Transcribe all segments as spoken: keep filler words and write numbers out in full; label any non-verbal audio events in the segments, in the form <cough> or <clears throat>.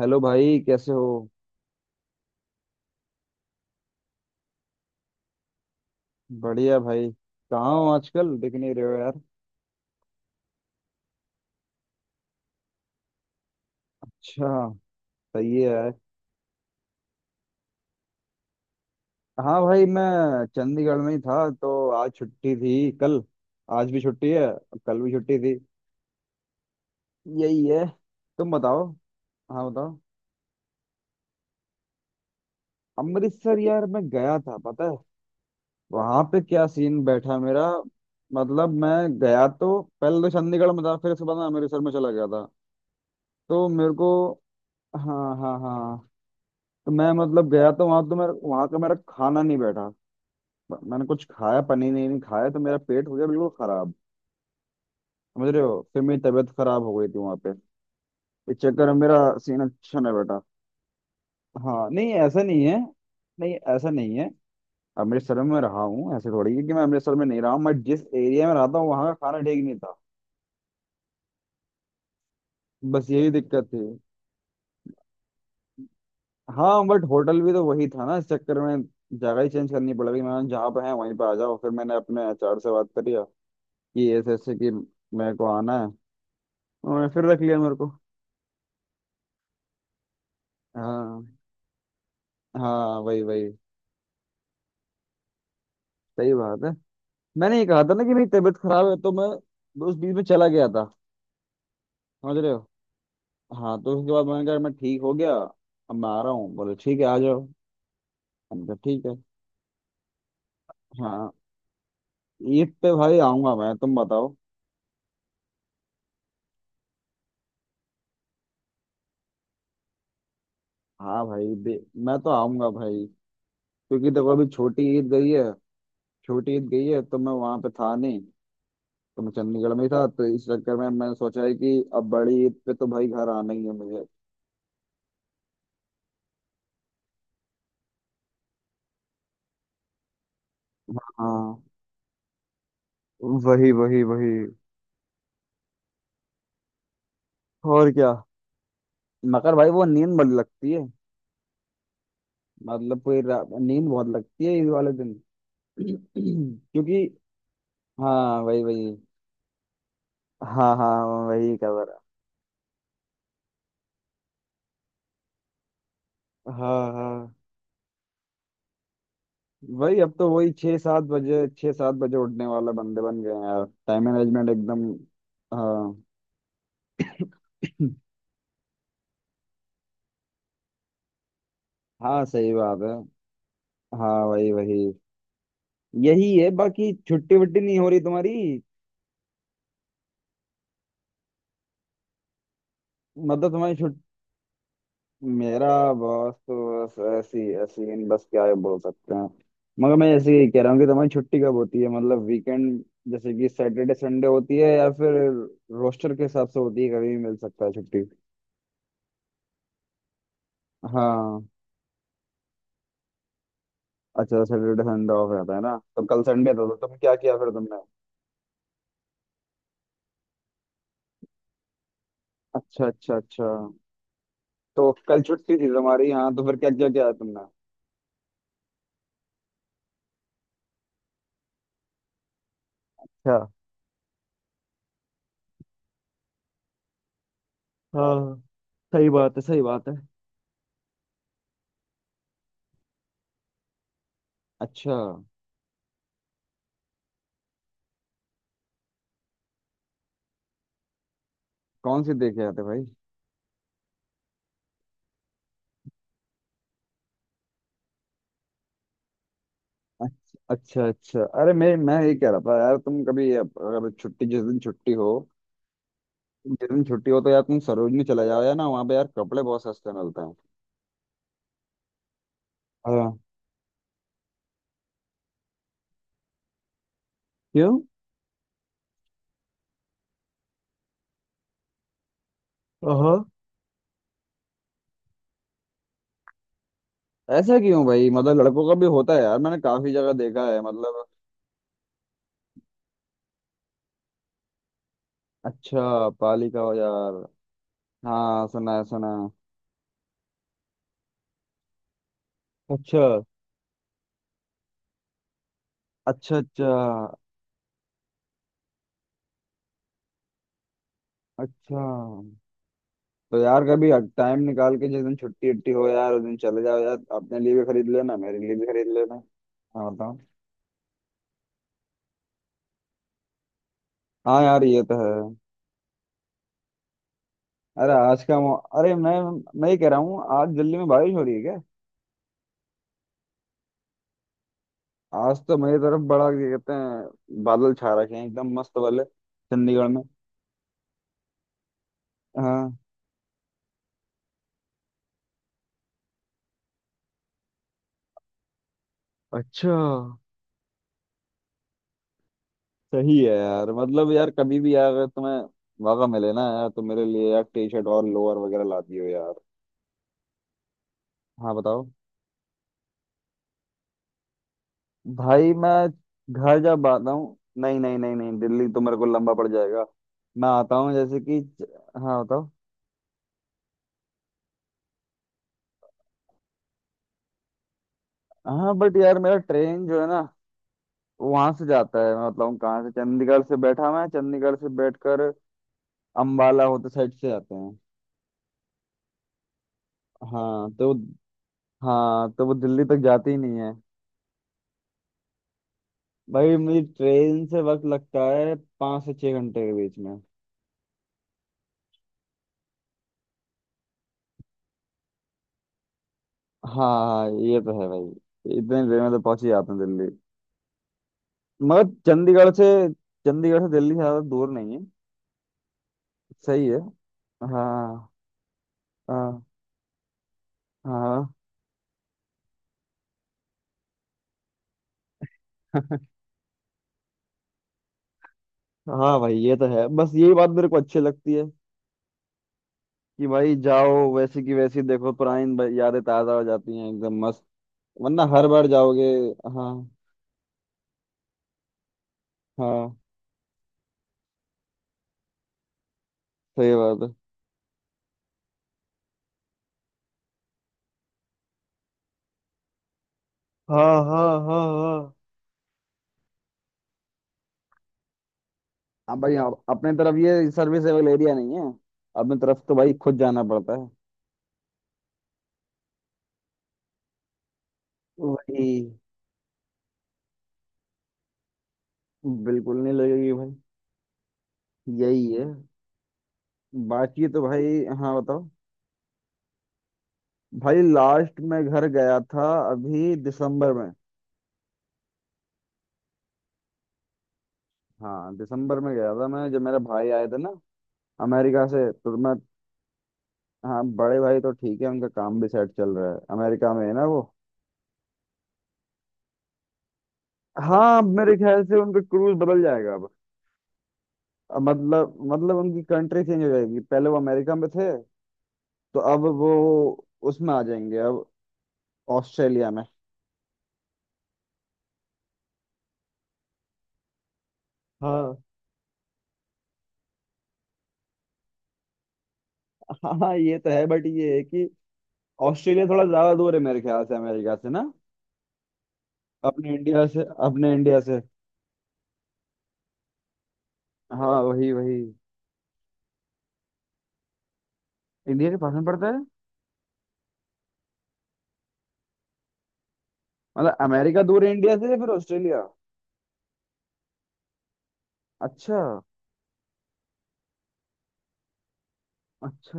Hello भाई, कैसे हो? बढ़िया भाई। कहाँ हो? आजकल दिख नहीं रहे हो यार। अच्छा। सही है यार। हाँ भाई, मैं चंडीगढ़ में ही था। तो आज छुट्टी थी, कल आज भी छुट्टी है और कल भी छुट्टी थी। यही है। तुम बताओ। हाँ बताओ। अमृतसर यार, मैं गया था पता है। वहां पे क्या सीन बैठा मेरा। मतलब मैं गया, तो पहले तो चंडीगढ़ में था, फिर उसके बाद मैं अमृतसर में चला गया था। तो मेरे को। हाँ हाँ हाँ। तो मैं मतलब गया, तो वहां तो मेरा वहां का मेरा खाना नहीं बैठा। ब- मैंने कुछ खाया, पनीर नहीं, नहीं खाया, तो मेरा पेट हो गया बिल्कुल खराब। समझ रहे हो? फिर मेरी तबीयत खराब हो गई थी वहां पे। इस चक्कर में मेरा सीन अच्छा नहीं बैठा। हाँ नहीं, ऐसा नहीं है। नहीं, ऐसा नहीं है। अमृतसर में मैं रहा हूँ, ऐसे थोड़ी है कि मैं अमृतसर में नहीं रहा हूँ। मैं जिस एरिया में रहता हूँ वहाँ का खाना ठीक नहीं था। बस यही दिक्कत थी। हाँ बट होटल भी तो वही था ना, इस चक्कर में जगह ही चेंज करनी पड़ गई। मैंने जहाँ पे है वहीं पे आ जाओ, फिर मैंने अपने एच आर से बात करी कि ऐसे ऐसे, कि मेरे को आना है। उन्होंने फिर रख लिया मेरे को। हाँ। हाँ वही वही। सही बात है। मैंने ये कहा था ना कि मेरी तबीयत खराब है, तो मैं उस बीच में चला गया था। समझ रहे हो? हाँ, तो उसके बाद मैंने कहा मैं ठीक हो गया। अब मैं आ रहा हूँ, बोले ठीक है, आ जाओ। हमने कहा ठीक है। हाँ। ईद पे भाई आऊंगा मैं। तुम बताओ। हाँ भाई, दे, मैं तो आऊंगा भाई। क्योंकि देखो अभी छोटी ईद गई है। छोटी ईद गई है तो मैं वहां पे था नहीं। तो मैं चंडीगढ़ में ही था, तो इस चक्कर में मैंने सोचा है कि अब बड़ी ईद पे तो भाई घर आना ही है मुझे। हाँ वही वही वही। और क्या। मगर भाई, वो नींद बड़ी लगती है। मतलब कोई रा- नींद बहुत लगती है ईद वाले दिन। <clears throat> क्योंकि। हाँ वही वही। हाँ हाँ। वही खबर है। हाँ हाँ। वही अब तो वही छः सात बजे छः सात बजे उठने वाले बंदे बन गए हैं यार। टाइम मैनेजमेंट एकदम। हाँ। <clears throat> हाँ सही बात है। हाँ वही वही। यही है। बाकी छुट्टी वट्टी नहीं हो रही तुम्हारी? मतलब तुम्हारी छुट मेरा बॉस तो बस ऐसी ऐसी इन बस क्या बोल सकते हैं। मगर मैं ऐसे ही कह रहा हूँ कि तुम्हारी छुट्टी कब होती है? मतलब वीकेंड जैसे कि सैटरडे संडे होती है, या फिर रोस्टर के हिसाब से होती है, कभी भी मिल सकता है छुट्टी? हाँ। अच्छा सैटरडे संडे ऑफ रहता है ना, तो कल संडे था तो तुम क्या किया फिर तुमने? अच्छा अच्छा अच्छा। तो कल छुट्टी थी तुम्हारी, हाँ, तो फिर क्या क्या किया तुमने? अच्छा। हाँ सही बात है, सही बात है। अच्छा, कौन सी देख के आते भाई? अच्छा अच्छा अच्छा, अरे मैं मैं ये कह रहा था यार, तुम कभी अप- अगर छुट्टी जिस दिन छुट्टी हो, जिस दिन छुट्टी हो तो यार तुम सरोजनी चले जाओ यार ना, वहाँ पे यार कपड़े बहुत सस्ते मिलते हैं। हाँ। क्यों? हाँ। ऐसा क्यों भाई? मतलब लड़कों का भी होता है यार, मैंने काफी जगह देखा है मतलब। अच्छा, पाली का हो यार? हाँ सुना है सुना है। अच्छा अच्छा अच्छा अच्छा। तो यार कभी टाइम निकाल के जिस दिन छुट्टी उट्टी हो यार उस दिन चले जाओ यार, अपने लिए भी खरीद लेना मेरे लिए भी खरीद लेना। हाँ बताओ। हाँ यार ये तो है। अरे आज का मौ... अरे मैं मैं ये कह रहा हूँ आज दिल्ली में बारिश हो रही है क्या? आज तो मेरी तरफ बड़ा ये कहते हैं बादल छा रखे हैं एकदम मस्त वाले चंडीगढ़ में। हाँ। अच्छा। सही है यार। मतलब यार कभी भी यार अगर तुम्हें मौका मिले ना यार, तो मेरे लिए यार टी शर्ट और लोअर वगैरह ला दियो यार। हाँ बताओ। भाई मैं घर जब आता हूँ, नहीं नहीं नहीं नहीं, दिल्ली तो मेरे को लंबा पड़ जाएगा। मैं आता हूँ जैसे कि। हाँ बताओ। हाँ बट यार मेरा ट्रेन जो है ना वहां से जाता है, मैं बताऊँ कहाँ से। चंडीगढ़ से बैठा मैं, चंडीगढ़ से बैठकर अम्बाला होते साइड से जाते हैं। हाँ तो हाँ तो वो दिल्ली तक जाती ही नहीं है। भाई मुझे ट्रेन से वक्त लगता है पाँच से छह घंटे के बीच में। हाँ हाँ ये तो है भाई, इतने देर में तो पहुंच ही जाते हैं दिल्ली। मगर चंडीगढ़ से चंडीगढ़ से दिल्ली ज्यादा दूर नहीं है। सही है। हाँ हाँ हाँ। <laughs> हाँ भाई ये तो है। बस यही बात मेरे को अच्छी लगती है कि भाई जाओ वैसी की वैसी देखो, पुरानी ब- यादें ताजा हो जाती हैं एकदम मस्त। वरना हर बार जाओगे। हाँ हाँ सही बात है। हाँ हाँ हाँ हाँ। हाँ भाई, आप, अपने तरफ ये सर्विसेबल एरिया नहीं है। अपने तरफ तो भाई खुद जाना पड़ता है। वही बिल्कुल नहीं लगेगी भाई। यही है। बाकी तो भाई, हाँ बताओ। भाई लास्ट में घर गया था अभी दिसंबर में। हाँ दिसंबर में गया था मैं, जब मेरे भाई आए थे ना अमेरिका से तो मैं। हाँ बड़े भाई तो ठीक है, उनका काम भी सेट चल रहा है, अमेरिका में है ना वो। हाँ। अब मेरे ख्याल से उनका क्रूज बदल जाएगा अब। अब मतलब मतलब उनकी कंट्री चेंज हो जाएगी, पहले वो अमेरिका में थे, तो अब वो उसमें आ जाएंगे अब, ऑस्ट्रेलिया में। हाँ हाँ हाँ, ये तो है बट ये है कि ऑस्ट्रेलिया थोड़ा ज्यादा दूर है मेरे ख्याल से अमेरिका से ना। अपने इंडिया से, अपने इंडिया से। हाँ वही वही। इंडिया के पास में पड़ता है। मतलब अमेरिका दूर है इंडिया से या फिर ऑस्ट्रेलिया? अच्छा। अच्छा,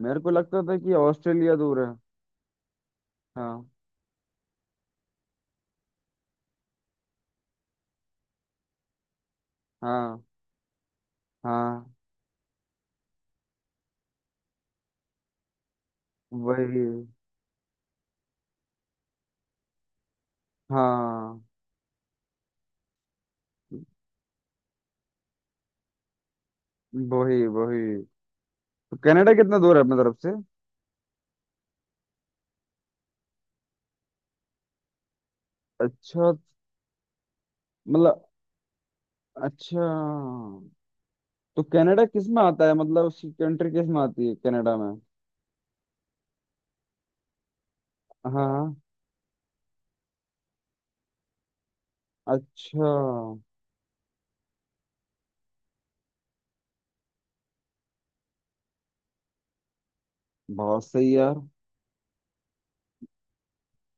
मेरे को लगता था कि ऑस्ट्रेलिया दूर है। हाँ हाँ। हाँ वही। हाँ वही वही। तो कनाडा कितना दूर है अपनी तरफ से? अच्छा। मतलब। अच्छा, तो कनाडा किस में आता है, मतलब उसकी कंट्री किस में आती है कनाडा में? हाँ। अच्छा। बहुत सही यार।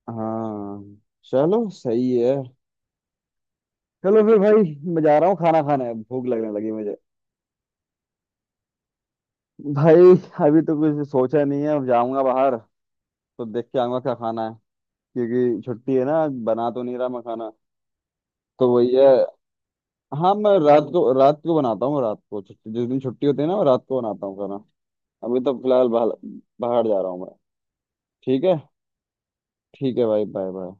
हाँ। चलो सही है। चलो फिर भाई मैं जा रहा हूँ खाना खाने, अब भूख लगने लगी मुझे। भाई अभी तो कुछ सोचा नहीं है, अब जाऊंगा बाहर तो देख के आऊंगा क्या खाना है। क्योंकि छुट्टी है ना आज, बना तो नहीं रहा मैं खाना। तो वही है। हाँ मैं रात को रात को बनाता हूँ, रात को छुट्टी जिस दिन छुट्टी होती है ना, मैं रात को बनाता हूँ खाना। अभी तो फिलहाल बाहर, बाहर जा रहा हूँ मैं। ठीक है। ठीक है भाई, बाय बाय।